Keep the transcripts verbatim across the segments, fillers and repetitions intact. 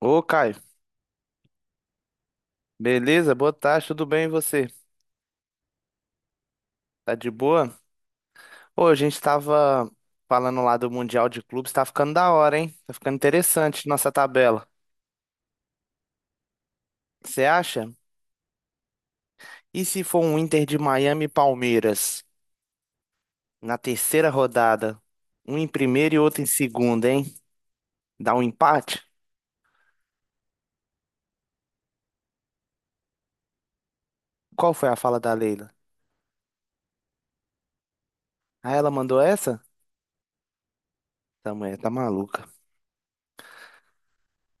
Ô, Caio, beleza? Boa tarde, tudo bem e você? Tá de boa? Ô, a gente tava falando lá do Mundial de Clubes, tá ficando da hora, hein? Tá ficando interessante nossa tabela. Você acha? E se for um Inter de Miami e Palmeiras na terceira rodada? Um em primeiro e outro em segundo, hein? Dá um empate? Qual foi a fala da Leila? Ah, ela mandou essa? Tá, mulher, tá maluca.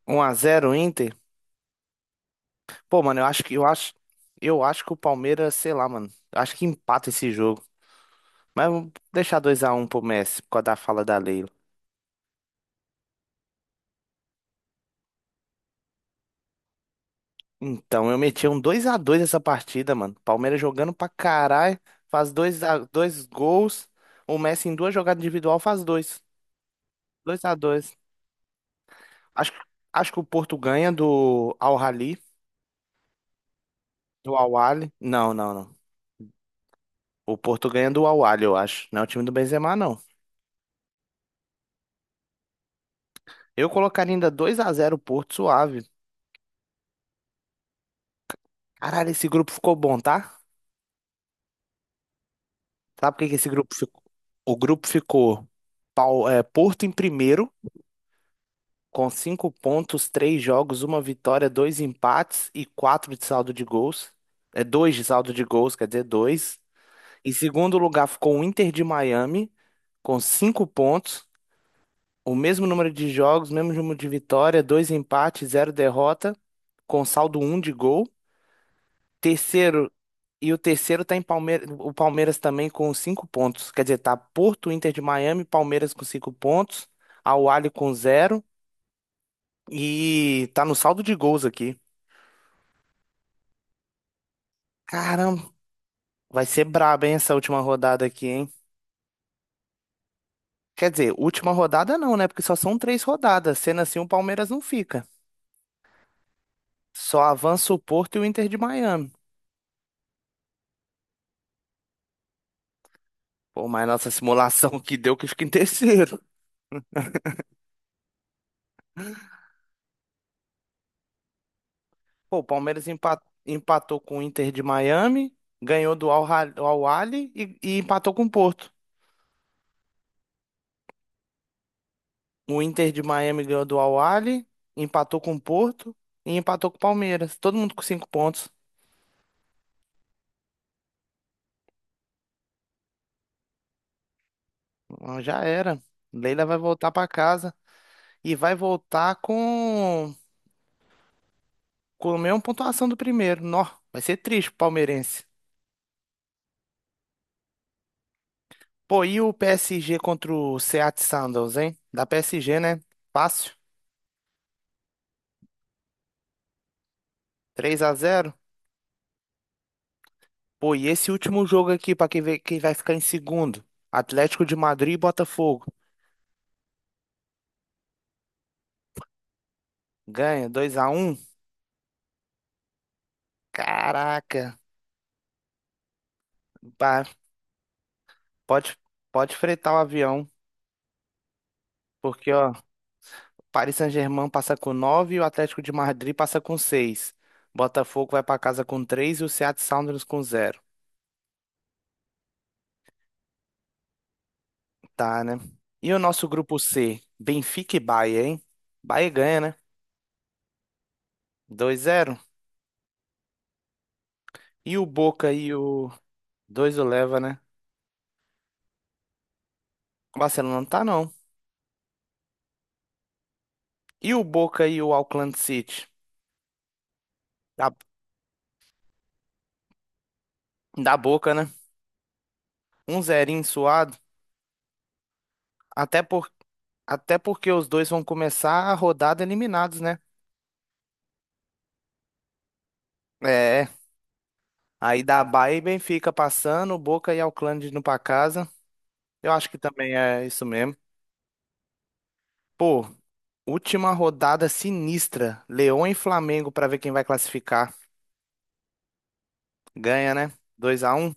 Um a zero Inter? Pô, mano, eu acho que eu acho, eu acho que o Palmeiras, sei lá, mano. Eu acho que empata esse jogo. Mas vamos deixar dois a um pro Messi, por causa da fala da Leila. Então, eu meti um dois a dois essa partida, mano. Palmeiras jogando pra caralho, faz dois, a- dois gols. O Messi em duas jogadas individual faz dois. Dois a dois. Acho, acho que o Porto ganha do Al Ahly, do Al Ahly. Não, não, não. O Porto ganha do Al Ahly, eu acho. Não é o time do Benzema, não. Eu colocaria ainda dois a zero o Porto suave. Caralho, esse grupo ficou bom, tá? Sabe por que que esse grupo ficou? O grupo ficou Pau- é, Porto em primeiro, com cinco pontos, três jogos, uma vitória, dois empates e quatro de saldo de gols. É dois de saldo de gols, quer dizer, dois. Em segundo lugar ficou o Inter de Miami, com cinco pontos, o mesmo número de jogos, mesmo número de vitória, dois empates, zero derrota, com saldo um de gol. Terceiro, e o terceiro tá em Palmeiras, o Palmeiras também com cinco pontos. Quer dizer, tá Porto, Inter de Miami, Palmeiras com cinco pontos, Al Ahly com zero. E tá no saldo de gols aqui. Caramba, vai ser braba, hein, essa última rodada aqui, hein? Quer dizer, última rodada não, né? Porque só são três rodadas. Sendo assim, o Palmeiras não fica. Só avança o Porto e o Inter de Miami. Pô, mas nossa simulação que deu que fica em terceiro. Pô, o Palmeiras empa- empatou com o Inter de Miami, ganhou do Al Hal- Al Ahly e, e empatou com o Porto. O Inter de Miami ganhou do Al Ahly, empatou com o Porto e empatou com o Palmeiras. Todo mundo com cinco pontos. Ah, já era. Leila vai voltar pra casa e vai voltar com, com a mesma pontuação do primeiro. Nó, vai ser triste pro palmeirense. Pô, e o P S G contra o Seattle Sounders, hein? Da P S G, né? Fácil. Três a zero. Pô, e esse último jogo aqui pra quem vê quem vai ficar em segundo. Atlético de Madrid e Botafogo. Ganha dois a um. Caraca. Pá, Pode pode fretar o avião, porque ó, Paris Saint-Germain passa com nove, e o Atlético de Madrid passa com seis, Botafogo vai para casa com três e o Seattle Sounders com zero. Tá, né? E o nosso grupo C, Benfica e Bahia, hein? Bahia ganha, né? dois a zero. E o Boca e o dois o leva, né? O Barcelona não tá não. E o Boca e o Auckland City. Da, da Boca, né? Um zerinho suado, até por até porque os dois vão começar a rodada eliminados, né? É. Aí da Bahia e Benfica passando, o Boca e Auckland indo pra casa. Eu acho que também é isso mesmo. Pô, última rodada sinistra. Leão e Flamengo pra ver quem vai classificar. Ganha, né? Dois a um,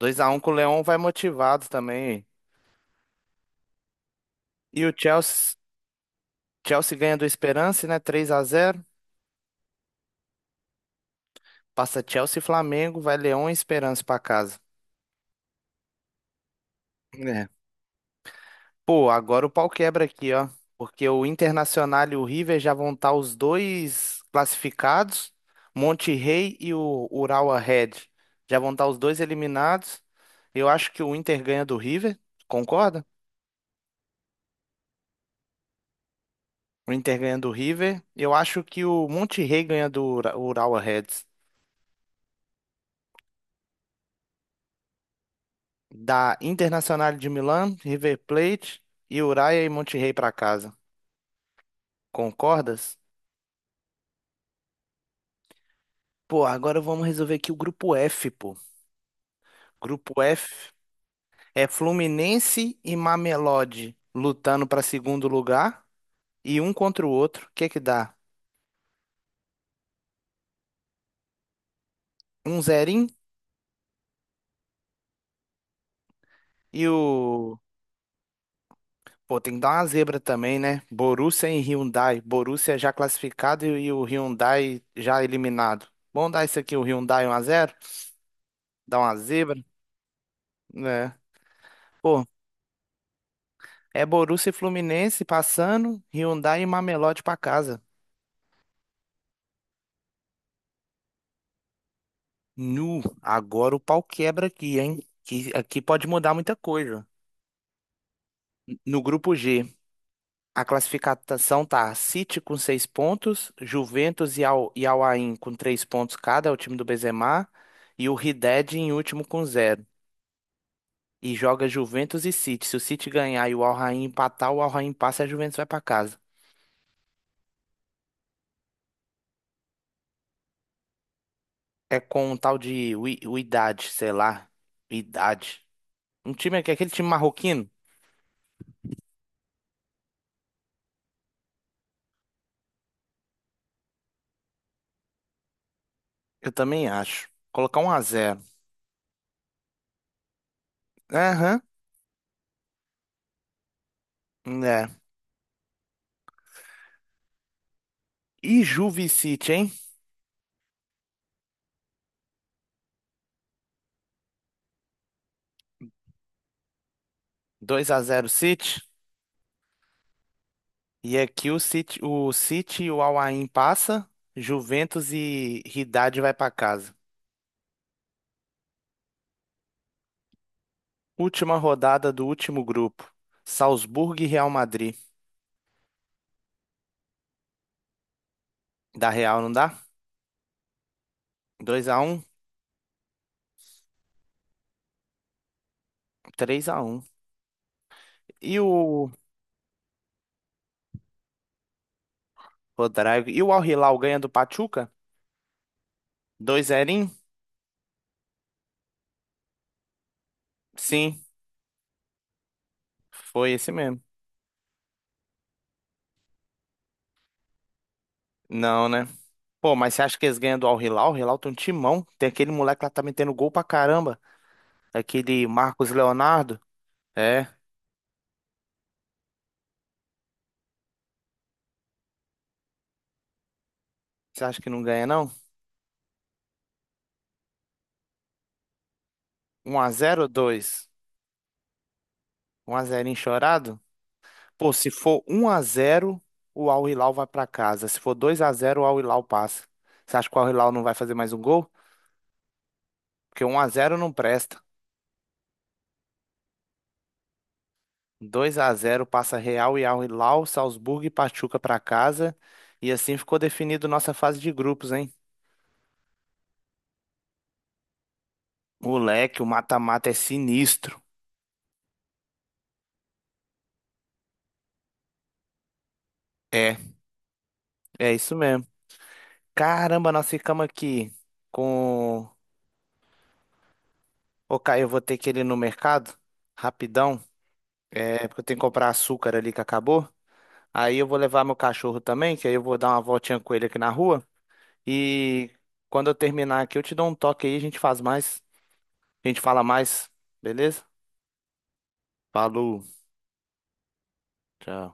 dois a um com o Leão vai motivado também. E o Chelsea, Chelsea ganha do Esperance, né? Três a zero. Passa Chelsea e Flamengo, vai Leão e Esperance pra casa. É. Pô, agora o pau quebra aqui, ó. Porque o Internacional e o River já vão estar os dois classificados. Monte Rey e o Urawa Red já vão estar os dois eliminados. Eu acho que o Inter ganha do River, concorda? O Inter ganha do River. Eu acho que o Monte Rey ganha do Ura- Urawa Reds. Da Internacional de Milão, River Plate e Uraia e Monte Rey pra casa. Concordas? Pô, agora vamos resolver aqui o grupo F, pô. Grupo F. É Fluminense e Mamelodi lutando para segundo lugar e um contra o outro. O que que dá? Um zerinho e o. Pô, tem que dar uma zebra também, né? Borussia e Hyundai. Borussia já classificado e e o Hyundai já eliminado. Vamos dar isso aqui, o Hyundai um a zero. Dá uma zebra, né? Pô, é Borussia e Fluminense passando, Hyundai e Mamelodi para casa. Nu, agora o pau quebra aqui, hein? Que aqui pode mudar muita coisa. No grupo G. A classificação tá City com seis pontos, Juventus e, Al, e Al Ain com três pontos cada, é o time do Benzema, e o Wydad em último com zero. E joga Juventus e City. Se o City ganhar e o Al Ain empatar, o Al Ain passa e a Juventus vai pra casa. É com um tal de Wi- Wydad, sei lá. Wydad. Um time que aquele time marroquino? Eu também acho. Colocar um a zero. Aham, é. E Juve e City, hein? Dois a zero City. E aqui o City, o City, e o Al Ain passa, Juventus e Haddad vai para casa. Última rodada do último grupo. Salzburgo e Real Madrid. Da Real não dá? Dois a um, três a um. E o Rodrigo, e o Al Hilal ganha do Pachuca? Dois a zero. Sim, foi esse mesmo. Não, né? Pô, mas você acha que eles ganham do Al Hilal? O Hilal tem um timão. Tem aquele moleque lá que tá metendo gol pra caramba. Aquele Marcos Leonardo. É, você acha que não ganha, não? Um a zero ou dois? um a zero enchorado? Pô, se for um a zero o Al Hilal vai pra casa. Se for dois a zero o Al Hilal passa. Você acha que o Al Hilal não vai fazer mais um gol? Porque um a zero não presta. Dois a zero passa Real e Al Hilal, Salzburgo e Pachuca pra casa. E assim ficou definido nossa fase de grupos, hein? Moleque, o mata-mata é sinistro. É, é isso mesmo. Caramba, nós ficamos aqui com. Ô, Caio, eu vou ter que ir ali no mercado. Rapidão. É, porque eu tenho que comprar açúcar ali que acabou. Aí eu vou levar meu cachorro também, que aí eu vou dar uma voltinha com ele aqui na rua. E quando eu terminar aqui, eu te dou um toque aí, a gente faz mais. A gente fala mais, beleza? Falou, tchau.